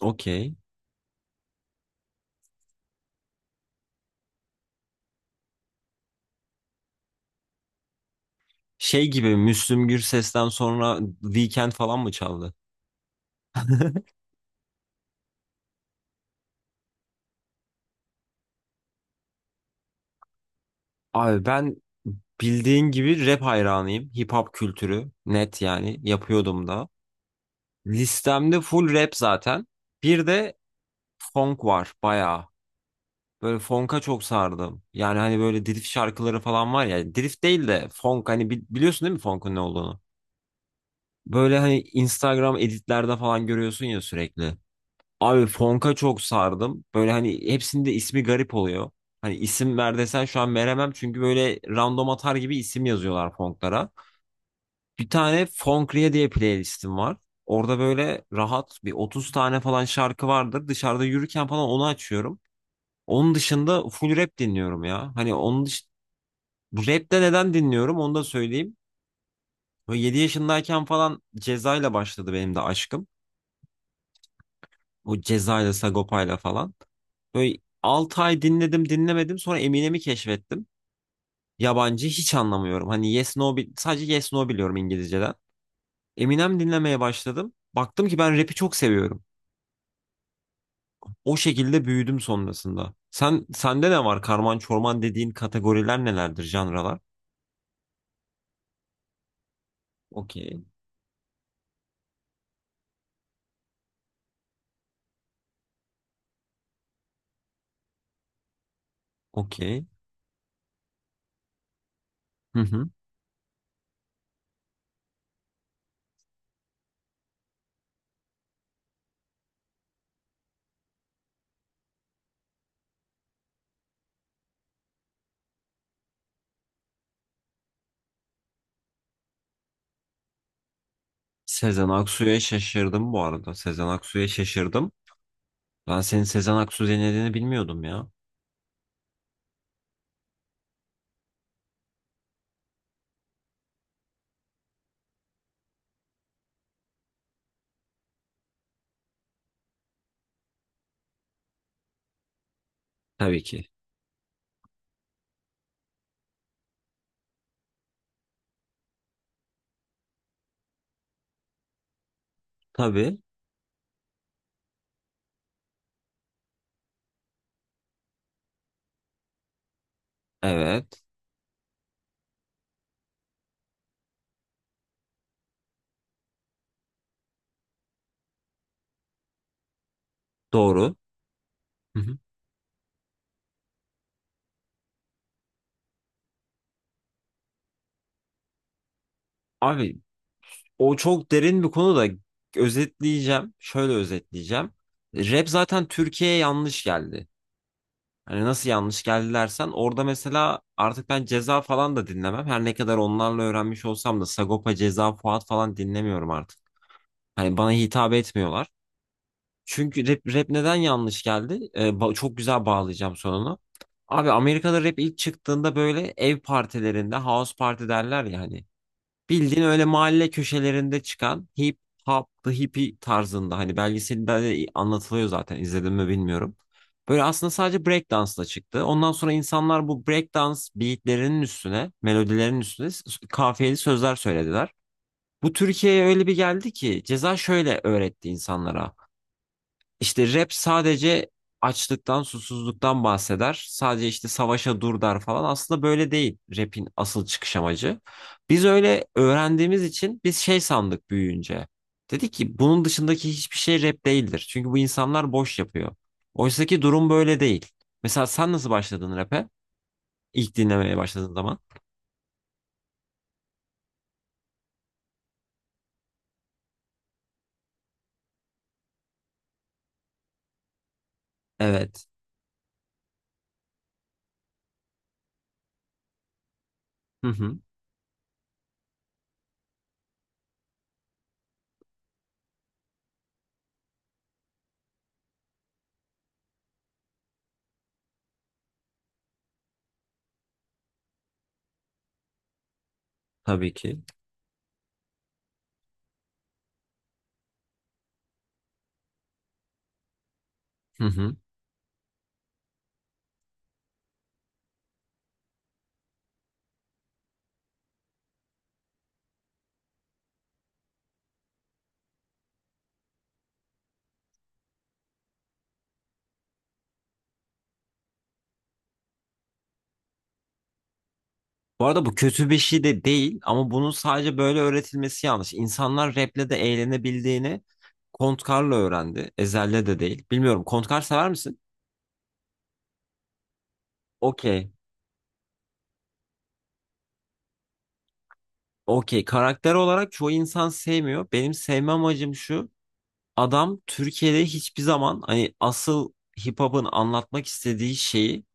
Okey. Şey gibi Müslüm Gürses'ten sonra Weekend falan mı çaldı? Abi ben bildiğin gibi rap hayranıyım. Hip hop kültürü net yani yapıyordum da. Listemde full rap zaten. Bir de funk var bayağı. Böyle funk'a çok sardım. Yani hani böyle drift şarkıları falan var ya. Drift değil de funk hani biliyorsun değil mi funk'un ne olduğunu? Böyle hani Instagram editlerde falan görüyorsun ya sürekli. Abi Fonk'a çok sardım. Böyle hani hepsinde ismi garip oluyor. Hani isim ver desen şu an veremem çünkü böyle random atar gibi isim yazıyorlar Fonk'lara. Bir tane Fonkriye diye playlistim var. Orada böyle rahat bir 30 tane falan şarkı vardır. Dışarıda yürürken falan onu açıyorum. Onun dışında full rap dinliyorum ya. Bu Rap de neden dinliyorum onu da söyleyeyim. Böyle 7 yaşındayken falan Ceza'yla başladı benim de aşkım. Bu Ceza'yla Sagopa'yla falan. Böyle 6 ay dinledim dinlemedim sonra Eminem'i keşfettim. Yabancı hiç anlamıyorum. Hani Yes No sadece Yes No biliyorum İngilizceden. Eminem dinlemeye başladım. Baktım ki ben rap'i çok seviyorum. O şekilde büyüdüm sonrasında. Sende ne var? Karman çorman dediğin kategoriler nelerdir, janralar? Okey. Okey. Hı hı. Sezen Aksu'ya şaşırdım bu arada. Sezen Aksu'ya şaşırdım. Ben senin Sezen Aksu dinlediğini bilmiyordum ya. Tabii ki. Tabii. Evet. Doğru. Hı hı. Abi o çok derin bir konu da özetleyeceğim. Şöyle özetleyeceğim. Rap zaten Türkiye'ye yanlış geldi. Hani nasıl yanlış geldi dersen orada mesela artık ben Ceza falan da dinlemem. Her ne kadar onlarla öğrenmiş olsam da Sagopa, Ceza, Fuat falan dinlemiyorum artık. Hani bana hitap etmiyorlar. Çünkü rap neden yanlış geldi? Çok güzel bağlayacağım sonunu. Abi Amerika'da rap ilk çıktığında böyle ev partilerinde house party derler ya hani. Bildiğin öyle mahalle köşelerinde çıkan hip hop, the hippie tarzında hani belgeselde de anlatılıyor zaten izledim mi bilmiyorum. Böyle aslında sadece breakdance'la çıktı. Ondan sonra insanlar bu breakdance beatlerinin üstüne, melodilerin üstüne kafiyeli sözler söylediler. Bu Türkiye'ye öyle bir geldi ki ceza şöyle öğretti insanlara. İşte rap sadece açlıktan, susuzluktan bahseder. Sadece işte savaşa dur der falan. Aslında böyle değil rap'in asıl çıkış amacı. Biz öyle öğrendiğimiz için biz şey sandık büyüyünce. Dedik ki bunun dışındaki hiçbir şey rap değildir. Çünkü bu insanlar boş yapıyor. Oysaki durum böyle değil. Mesela sen nasıl başladın rap'e? İlk dinlemeye başladığın zaman. Evet. Hı hı. Tabii ki. Hı hı. Bu arada bu kötü bir şey de değil ama bunun sadece böyle öğretilmesi yanlış. İnsanlar rap'le de eğlenebildiğini Kontkar'la öğrendi. Ezel'le de değil. Bilmiyorum. Kontkar sever misin? Okey. Okey. Karakter olarak çoğu insan sevmiyor. Benim sevme amacım şu. Adam Türkiye'de hiçbir zaman hani asıl hip hop'un anlatmak istediği şeyi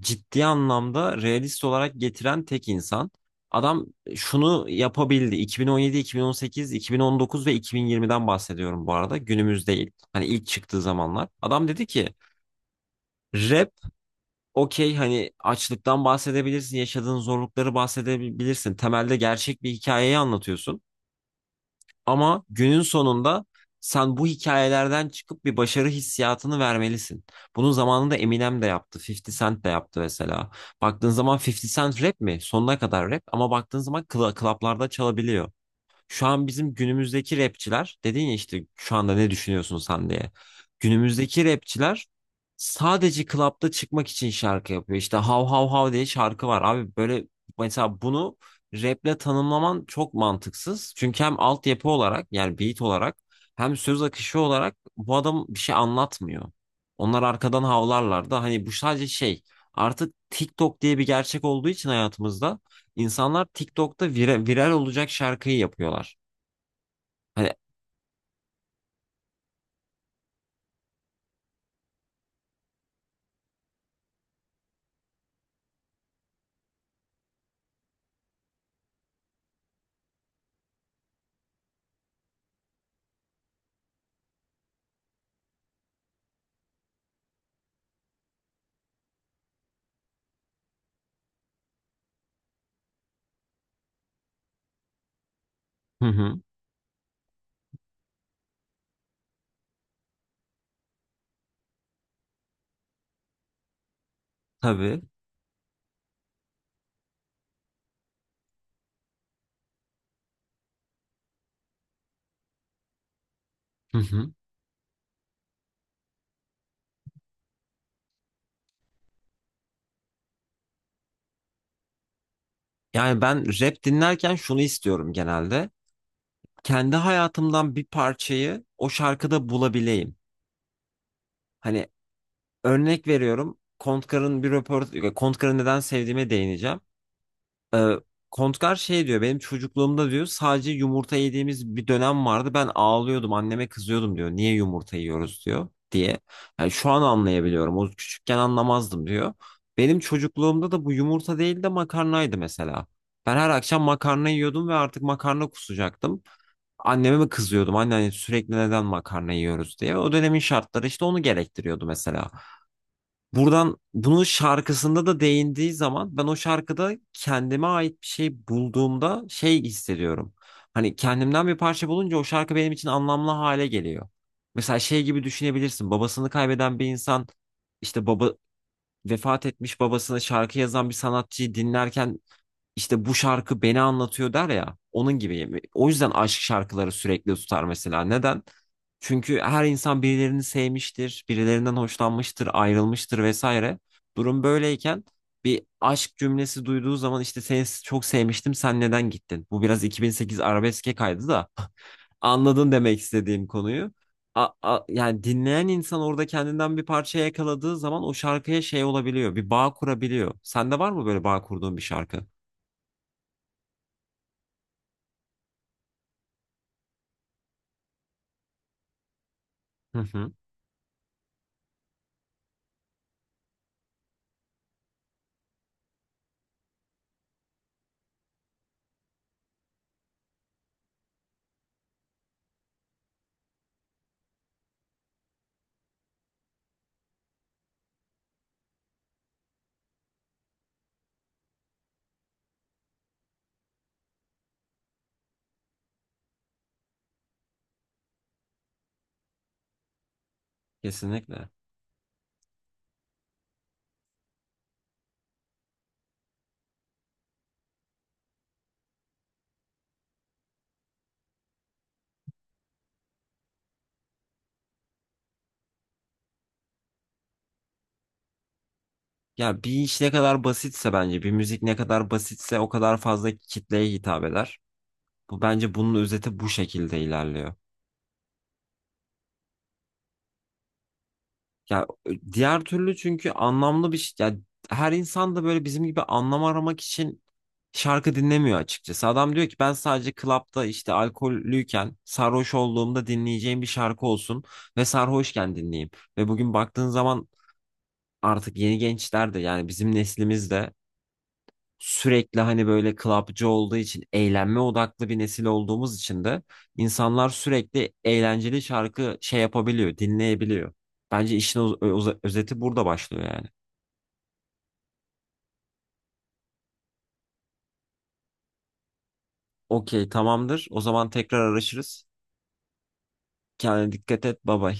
ciddi anlamda realist olarak getiren tek insan. Adam şunu yapabildi. 2017, 2018, 2019 ve 2020'den bahsediyorum bu arada. Günümüz değil. Hani ilk çıktığı zamanlar. Adam dedi ki rap okey hani açlıktan bahsedebilirsin, yaşadığın zorlukları bahsedebilirsin. Temelde gerçek bir hikayeyi anlatıyorsun. Ama günün sonunda sen bu hikayelerden çıkıp bir başarı hissiyatını vermelisin. Bunu zamanında Eminem de yaptı, 50 Cent de yaptı mesela. Baktığın zaman 50 Cent rap mi? Sonuna kadar rap ama baktığın zaman klaplarda çalabiliyor. Şu an bizim günümüzdeki rapçiler dedin ya işte şu anda ne düşünüyorsun sen diye. Günümüzdeki rapçiler sadece klapta çıkmak için şarkı yapıyor. İşte hav hav hav diye şarkı var. Abi böyle mesela bunu raple tanımlaman çok mantıksız. Çünkü hem altyapı olarak yani beat olarak hem söz akışı olarak bu adam bir şey anlatmıyor. Onlar arkadan havlarlar da hani bu sadece şey artık TikTok diye bir gerçek olduğu için hayatımızda İnsanlar TikTok'ta viral olacak şarkıyı yapıyorlar. Hani. Hı hı. Tabii. Hı hı. Yani ben rap dinlerken şunu istiyorum genelde. Kendi hayatımdan bir parçayı o şarkıda bulabileyim. Hani örnek veriyorum. Kontkar'ın bir röportaj, Kontkar'ı neden sevdiğime değineceğim. Ee, Kontgar şey diyor benim çocukluğumda diyor sadece yumurta yediğimiz bir dönem vardı ben ağlıyordum anneme kızıyordum diyor niye yumurta yiyoruz diyor diye. Yani şu an anlayabiliyorum o küçükken anlamazdım diyor. Benim çocukluğumda da bu yumurta değil de makarnaydı mesela. Ben her akşam makarna yiyordum ve artık makarna kusacaktım. Anneme mi kızıyordum anne hani sürekli neden makarna yiyoruz diye. O dönemin şartları işte onu gerektiriyordu mesela. Buradan bunun şarkısında da değindiği zaman ben o şarkıda kendime ait bir şey bulduğumda şey hissediyorum. Hani kendimden bir parça bulunca o şarkı benim için anlamlı hale geliyor. Mesela şey gibi düşünebilirsin. Babasını kaybeden bir insan işte baba vefat etmiş babasına şarkı yazan bir sanatçıyı dinlerken işte bu şarkı beni anlatıyor der ya onun gibi. O yüzden aşk şarkıları sürekli tutar mesela. Neden? Çünkü her insan birilerini sevmiştir, birilerinden hoşlanmıştır, ayrılmıştır vesaire. Durum böyleyken bir aşk cümlesi duyduğu zaman işte seni çok sevmiştim, sen neden gittin? Bu biraz 2008 arabeske kaydı da anladın demek istediğim konuyu. Yani dinleyen insan orada kendinden bir parça yakaladığı zaman o şarkıya şey olabiliyor, bir bağ kurabiliyor. Sende var mı böyle bağ kurduğun bir şarkı? Hı hı. Kesinlikle. Ya bir iş ne kadar basitse bence, bir müzik ne kadar basitse o kadar fazla kitleye hitap eder. Bu bence bunun özeti bu şekilde ilerliyor. Ya diğer türlü çünkü anlamlı bir şey. Ya her insan da böyle bizim gibi anlam aramak için şarkı dinlemiyor açıkçası. Adam diyor ki ben sadece klapta işte alkollüyken sarhoş olduğumda dinleyeceğim bir şarkı olsun ve sarhoşken dinleyeyim. Ve bugün baktığın zaman artık yeni gençler de yani bizim neslimizde sürekli hani böyle clubcı olduğu için eğlenme odaklı bir nesil olduğumuz için de insanlar sürekli eğlenceli şarkı şey yapabiliyor, dinleyebiliyor. Bence işin özeti burada başlıyor yani. Okey, tamamdır. O zaman tekrar araşırız. Kendine dikkat et. Bye bye.